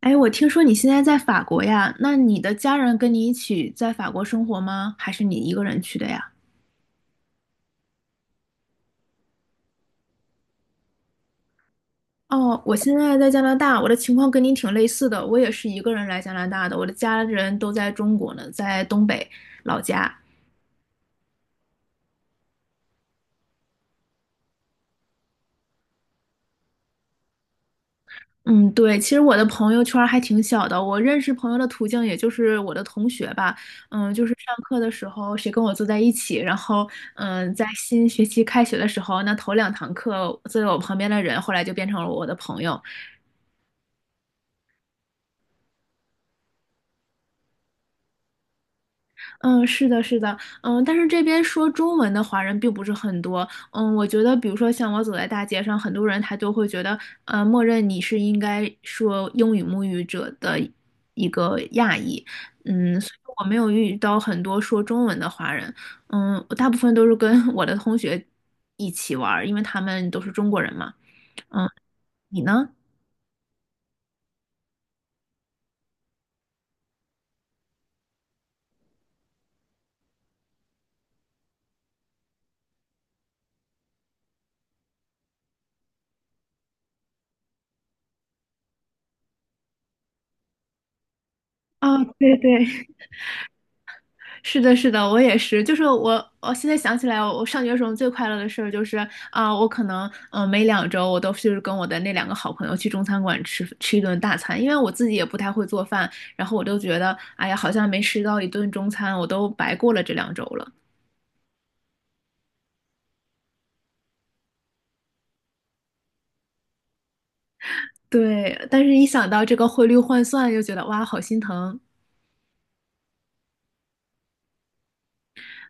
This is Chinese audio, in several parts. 哎，我听说你现在在法国呀，那你的家人跟你一起在法国生活吗？还是你一个人去的呀？哦，我现在在加拿大，我的情况跟你挺类似的，我也是一个人来加拿大的，我的家人都在中国呢，在东北老家。嗯，对，其实我的朋友圈儿还挺小的，我认识朋友的途径也就是我的同学吧，就是上课的时候谁跟我坐在一起，然后在新学期开学的时候，那头两堂课坐在我旁边的人，后来就变成了我的朋友。嗯，是的，是的。但是这边说中文的华人并不是很多。嗯，我觉得，比如说像我走在大街上，很多人他就会觉得，默认你是应该说英语母语者的一个亚裔。所以我没有遇到很多说中文的华人。我大部分都是跟 我的同学一起玩儿，因为他们都是中国人嘛。嗯，你呢？啊，对对，是的，是的，我也是。就是我现在想起来，我上学的时候最快乐的事儿就是啊、我可能每两周我都是跟我的那两个好朋友去中餐馆吃一顿大餐，因为我自己也不太会做饭，然后我就觉得哎呀，好像没吃到一顿中餐，我都白过了这两周了。对，但是一想到这个汇率换算，又觉得哇，好心疼。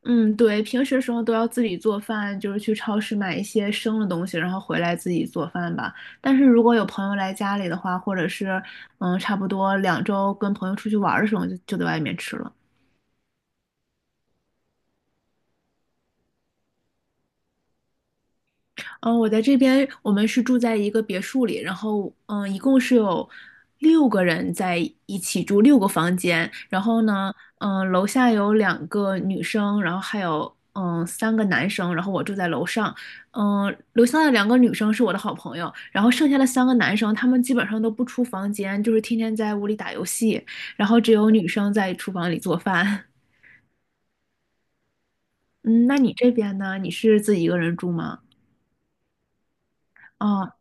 嗯，对，平时时候都要自己做饭，就是去超市买一些生的东西，然后回来自己做饭吧。但是如果有朋友来家里的话，或者是差不多两周跟朋友出去玩儿的时候，就在外面吃了。嗯，我在这边，我们是住在一个别墅里，然后一共是有六个人在一起住，六个房间。然后呢，楼下有两个女生，然后还有三个男生，然后我住在楼上。楼下的两个女生是我的好朋友，然后剩下的三个男生，他们基本上都不出房间，就是天天在屋里打游戏，然后只有女生在厨房里做饭。嗯，那你这边呢？你是自己一个人住吗？哦，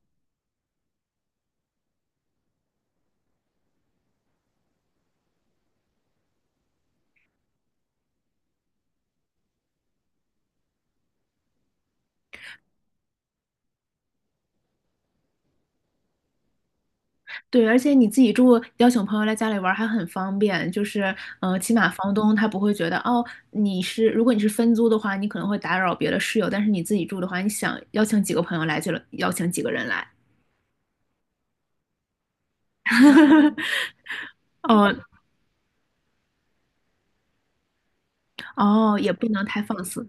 对，而且你自己住，邀请朋友来家里玩儿还很方便，就是，起码房东他不会觉得，哦，如果你是分租的话，你可能会打扰别的室友，但是你自己住的话，你想邀请几个朋友来就了邀请几个人来。哦哦，也不能太放肆。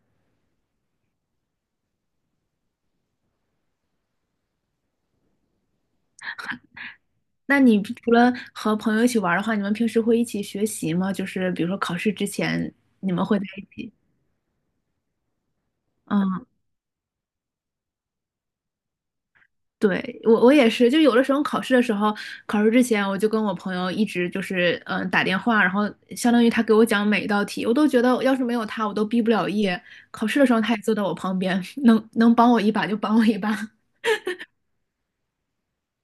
那你除了和朋友一起玩儿的话，你们平时会一起学习吗？就是比如说考试之前，你们会在一起？嗯对，我也是，就有的时候考试的时候，考试之前我就跟我朋友一直就是打电话，然后相当于他给我讲每一道题，我都觉得要是没有他，我都毕不了业。考试的时候他也坐在我旁边，能帮我一把就帮我一把。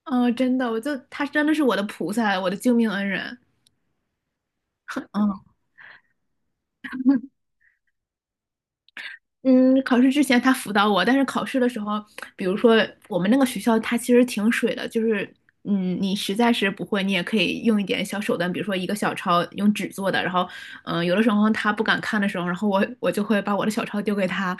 嗯、真的，他真的是我的菩萨，我的救命恩人。嗯。嗯，考试之前他辅导我，但是考试的时候，比如说我们那个学校，它其实挺水的，就是你实在是不会，你也可以用一点小手段，比如说一个小抄用纸做的，然后有的时候他不敢看的时候，然后我就会把我的小抄丢给他。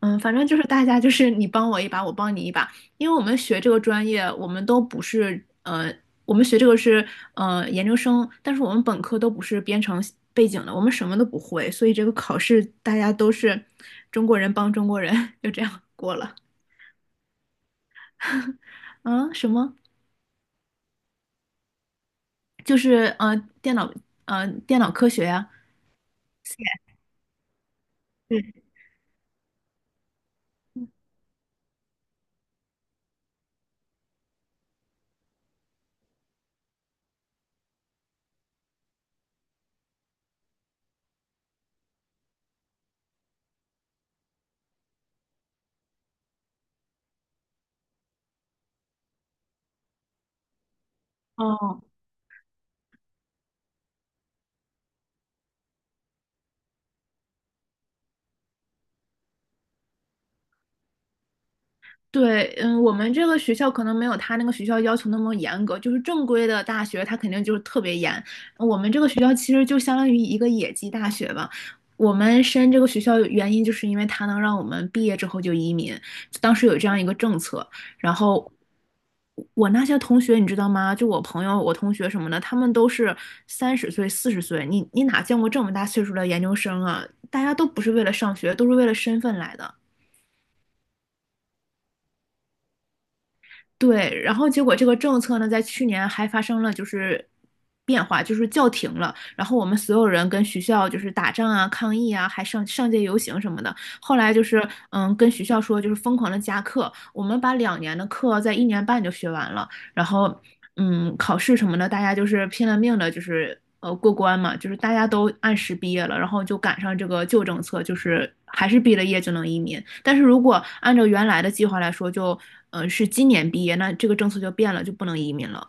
反正就是大家就是你帮我一把，我帮你一把，因为我们学这个专业，我们都不是我们学这个是研究生，但是我们本科都不是编程背景的，我们什么都不会，所以这个考试大家都是中国人帮中国人，就这样过了。啊，什么？就是电脑电脑科学呀、对。哦，对。嗯，我们这个学校可能没有他那个学校要求那么严格，就是正规的大学，他肯定就是特别严。我们这个学校其实就相当于一个野鸡大学吧。我们申这个学校原因就是因为它能让我们毕业之后就移民，当时有这样一个政策。然后我那些同学，你知道吗？就我朋友、我同学什么的，他们都是30岁、40岁，你哪见过这么大岁数的研究生啊？大家都不是为了上学，都是为了身份来的。对，然后结果这个政策呢，在去年还发生了就是变化，就是叫停了。然后我们所有人跟学校就是打仗啊、抗议啊，还上街游行什么的。后来就是跟学校说就是疯狂的加课，我们把两年的课在1年半就学完了。然后考试什么的，大家就是拼了命的，就是过关嘛，就是大家都按时毕业了，然后就赶上这个旧政策，就是还是毕了业就能移民。但是如果按照原来的计划来说，就是今年毕业，那这个政策就变了，就不能移民了。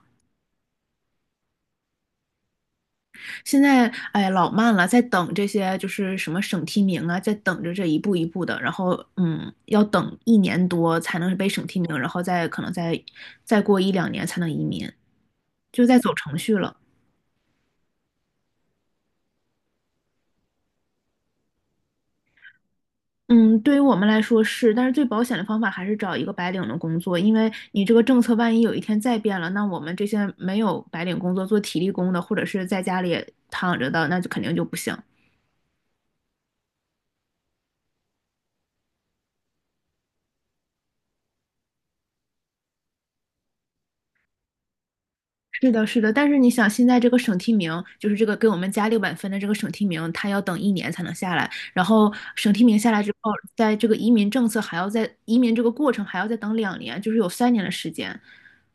现在哎老慢了，在等这些就是什么省提名啊，在等着这一步一步的，然后要等1年多才能被省提名，然后再可能再过一两年才能移民，就在走程序了。嗯，对于我们来说是，但是最保险的方法还是找一个白领的工作，因为你这个政策万一有一天再变了，那我们这些没有白领工作、做体力工的，或者是在家里躺着的，那就肯定就不行。是的，是的，但是你想，现在这个省提名，就是这个给我们加600分的这个省提名，他要等一年才能下来。然后省提名下来之后，在这个移民政策还要在移民这个过程还要再等两年，就是有3年的时间。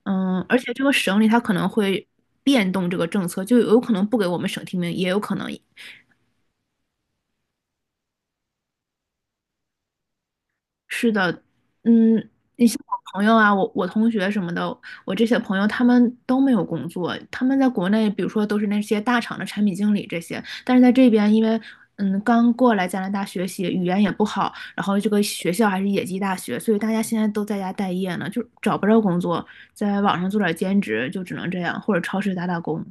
而且这个省里它可能会变动这个政策，就有可能不给我们省提名，也有可能是的。嗯，你像我朋友啊，我同学什么的，我这些朋友他们都没有工作，他们在国内，比如说都是那些大厂的产品经理这些，但是在这边，因为刚过来加拿大学习，语言也不好，然后这个学校还是野鸡大学，所以大家现在都在家待业呢，就找不着工作，在网上做点兼职，就只能这样，或者超市打打工。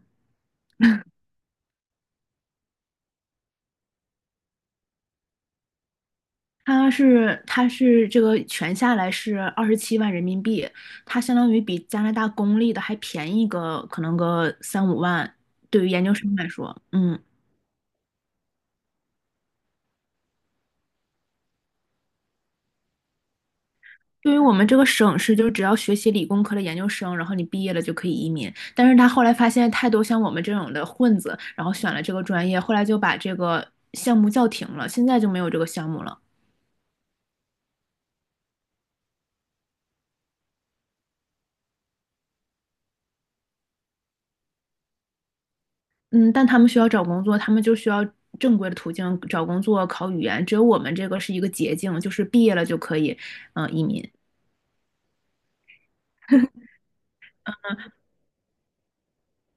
它是这个全下来是27万人民币，它相当于比加拿大公立的还便宜个可能个三五万，对于研究生来说。嗯。对于我们这个省市，就是只要学习理工科的研究生，然后你毕业了就可以移民。但是他后来发现太多像我们这种的混子，然后选了这个专业，后来就把这个项目叫停了，现在就没有这个项目了。嗯，但他们需要找工作，他们就需要正规的途径找工作、考语言。只有我们这个是一个捷径，就是毕业了就可以，移民。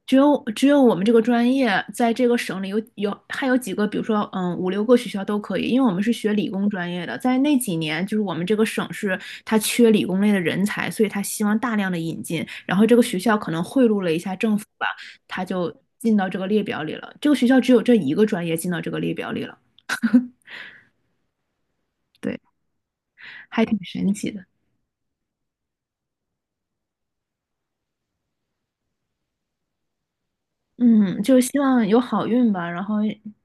只有我们这个专业在这个省里有还有几个，比如说五六个学校都可以，因为我们是学理工专业的，在那几年就是我们这个省市它缺理工类的人才，所以他希望大量的引进，然后这个学校可能贿赂了一下政府吧，他就进到这个列表里了。这个学校只有这一个专业进到这个列表里了，对，还挺神奇的。嗯，就是希望有好运吧，然后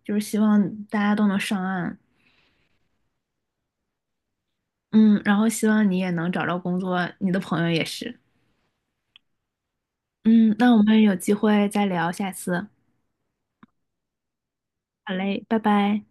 就是希望大家都能上岸。嗯，然后希望你也能找到工作，你的朋友也是。嗯，那我们有机会再聊，下次，好嘞，拜拜。